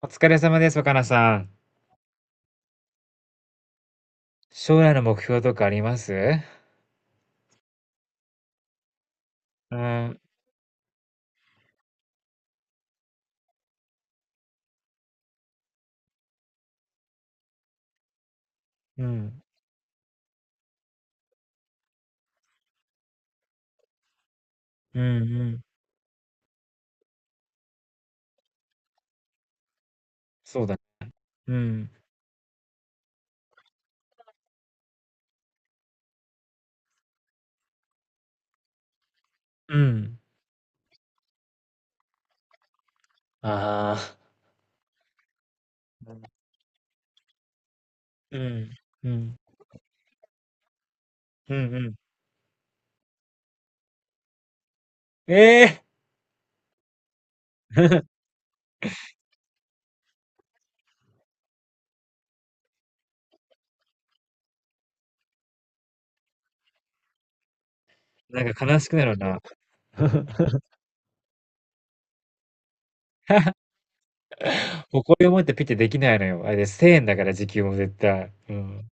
お疲れ様です、若菜さん。将来の目標とかあります？うん、うん、うん、うん。そうだ。うん、うん。ああ。うん、うん、うん、うん。ええー。 なんか悲しくなるな。誇りを持ってピッてできないのよ。あれです。1000円だから時給も絶対。うん。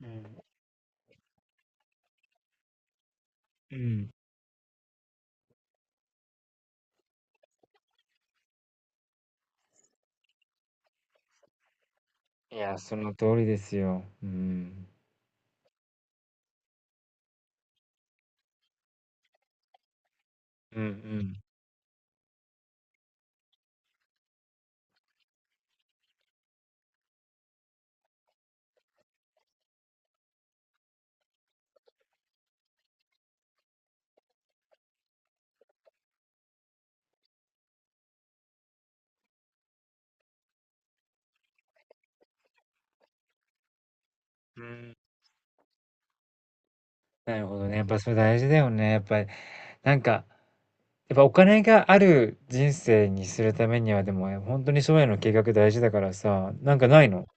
うん。うん。いや、その通りですよ。うん。うんうん。うん。なるほどね。やっぱそれ大事だよね。やっぱり、なんか、やっぱお金がある人生にするためには、でも本当に将来の計画大事だからさ、なんかないの？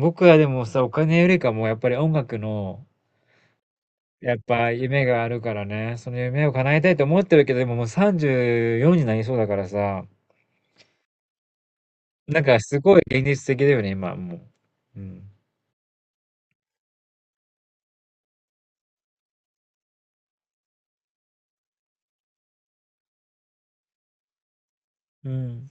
僕はでもさ、お金よりかもやっぱり音楽の、やっぱ夢があるからね、その夢を叶えたいと思ってるけど、でももう34になりそうだからさ、なんかすごい現実的だよね、今もう。うん。うん。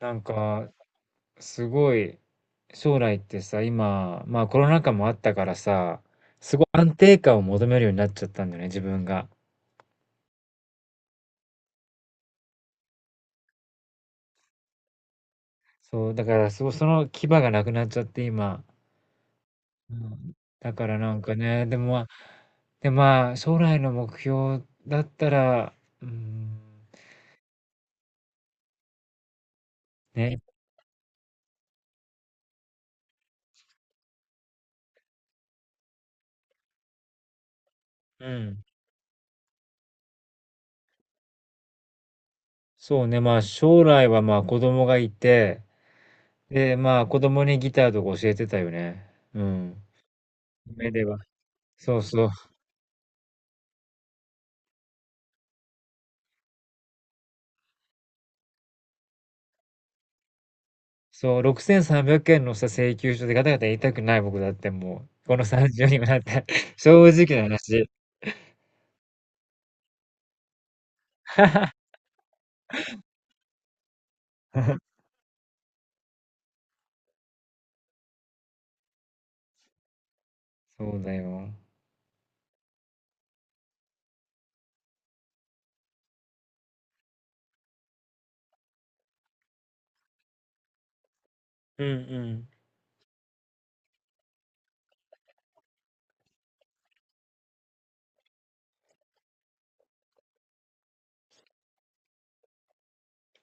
なんかすごい、将来ってさ、今、まあコロナ禍もあったからさ、すごい安定感を求めるようになっちゃったんだよね、自分が。そう、だからそその牙がなくなっちゃって今。うん。だからなんかね、でも、まあ、で、まあ、将来の目標だったら、うん、ね、うん。そうね、まあ、将来はまあ、子供がいて、で、まあ、子供にギターとか教えてたよね。うん。夢では。そうそう。そう、6,300円のさ、請求書でガタガタ言いたくない僕だってもう、この30にもなって、正直な話。そうだよ。うんうん。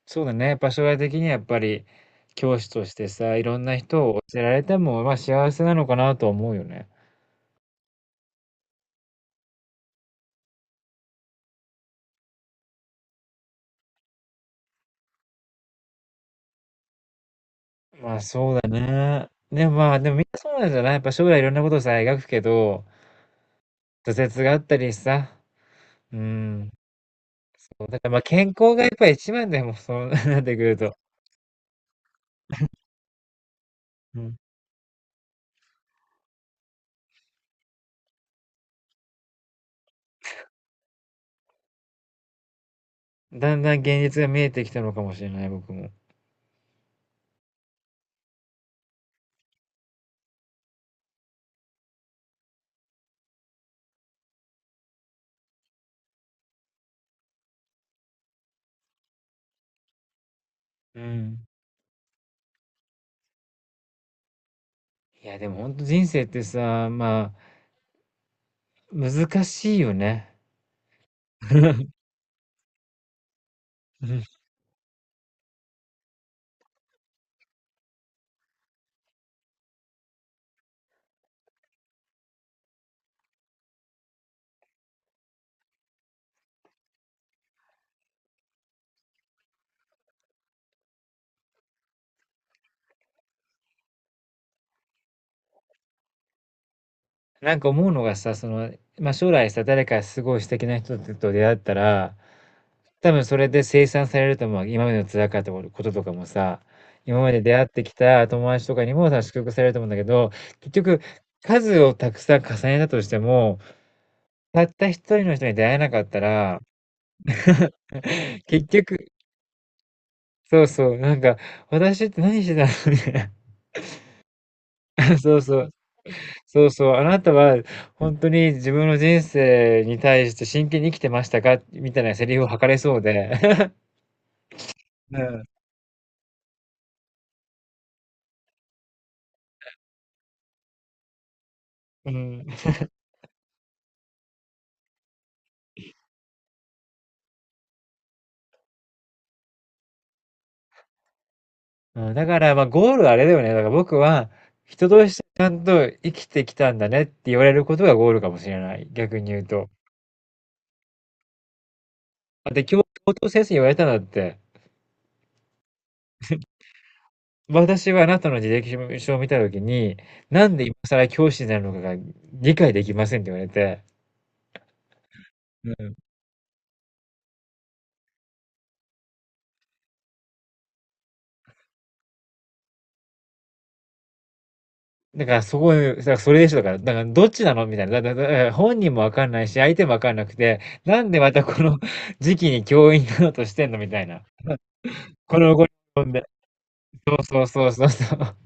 そうだね。場所が的にはやっぱり、教師としてさ、いろんな人を教えられても、まあ幸せなのかなとは思うよね。まあそうだね。でもまあ、でもみんなそうなんじゃない？やっぱ将来いろんなことをさ、描くけど、挫折があったりさ、うん。そうだから、まあ健康がやっぱり一番だよ、もうそう なってくると。うん。だんだん現実が見えてきたのかもしれない、僕も。うん。いや、でも本当人生ってさ、まあ、難しいよね。なんか思うのがさ、その、まあ、将来さ、誰かすごい素敵な人と出会ったら、多分それで清算されると思う。今までの辛かったこととかもさ、今まで出会ってきた友達とかにもさ、祝福されると思うんだけど、結局、数をたくさん重ねたとしても、たった一人の人に出会えなかったら、結局、そうそう、なんか、私って何してたのみたいな。そうそう。そうそう、あなたは本当に自分の人生に対して真剣に生きてましたかみたいなセリフを吐かれそうで。うん。うん。うんだから、まあ、ゴールはあれだよね。だから僕は、人としてちゃんと生きてきたんだねって言われることがゴールかもしれない。逆に言うと。あ、で、教頭先生に言われたんだって。私はあなたの履歴書を見たときに、なんで今更教師になるのかが理解できませんって言われて。だからすごい、だからそれでしょ、だから、だからどっちなのみたいな。だだだ本人もわかんないし、相手もわかんなくて、なんでまたこの 時期に教員になろうとしてんのみたいな。この後に飛んで。そうそうそうそうそう。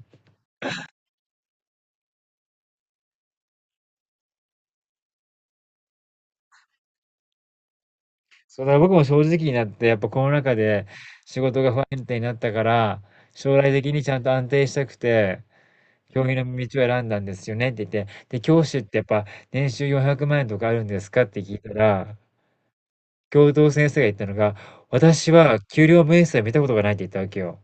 そうだから僕も正直になって、やっぱこの中で仕事が不安定になったから、将来的にちゃんと安定したくて、教員の道を選んだんですよねって言って、で、教師ってやっぱ年収400万円とかあるんですかって聞いたら、教頭先生が言ったのが、私は給料明細見たことがないって言ったわけよ。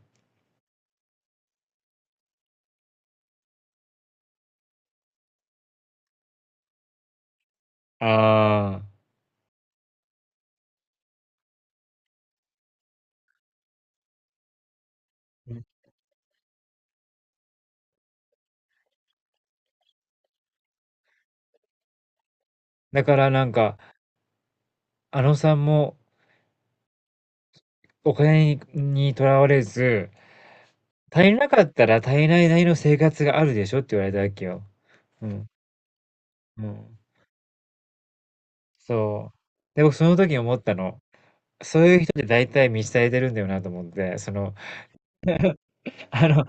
ああ、だからなんか、あのさんもお金にとらわれず、足りなかったら足りないなりの生活があるでしょって言われたわけよ。うん。うん。そう。で、僕その時に思ったの。そういう人って大体満ち足りてるんだよなと思って、その、あの、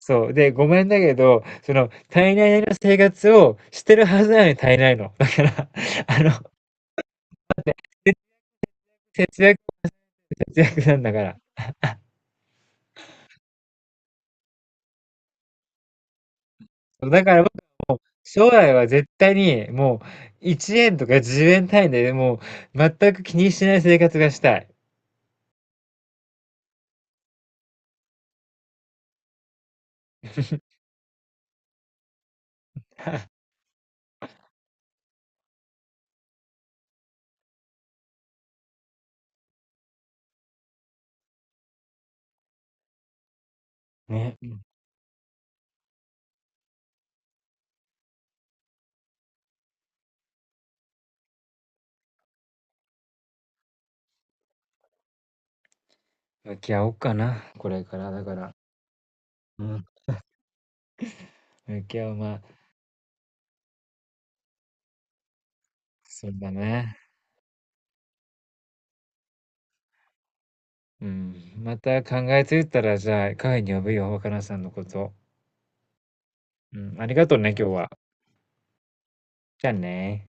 そう。で、ごめんだけど、その、足りないなりの生活をしてるはずなのに足りないの。だから、あの、節約節約なんだから。だから僕、将来は絶対にもう1円とか10円単位でもう全く気にしない生活がしたい。ね。向き合おうかな、これから。だから。うん。向き合う、まあ、そうだね。うん。また考えついたら、じゃあ、カフェに呼ぶよ、若菜さんのこと。うん。ありがとうね、今日は。じゃあね。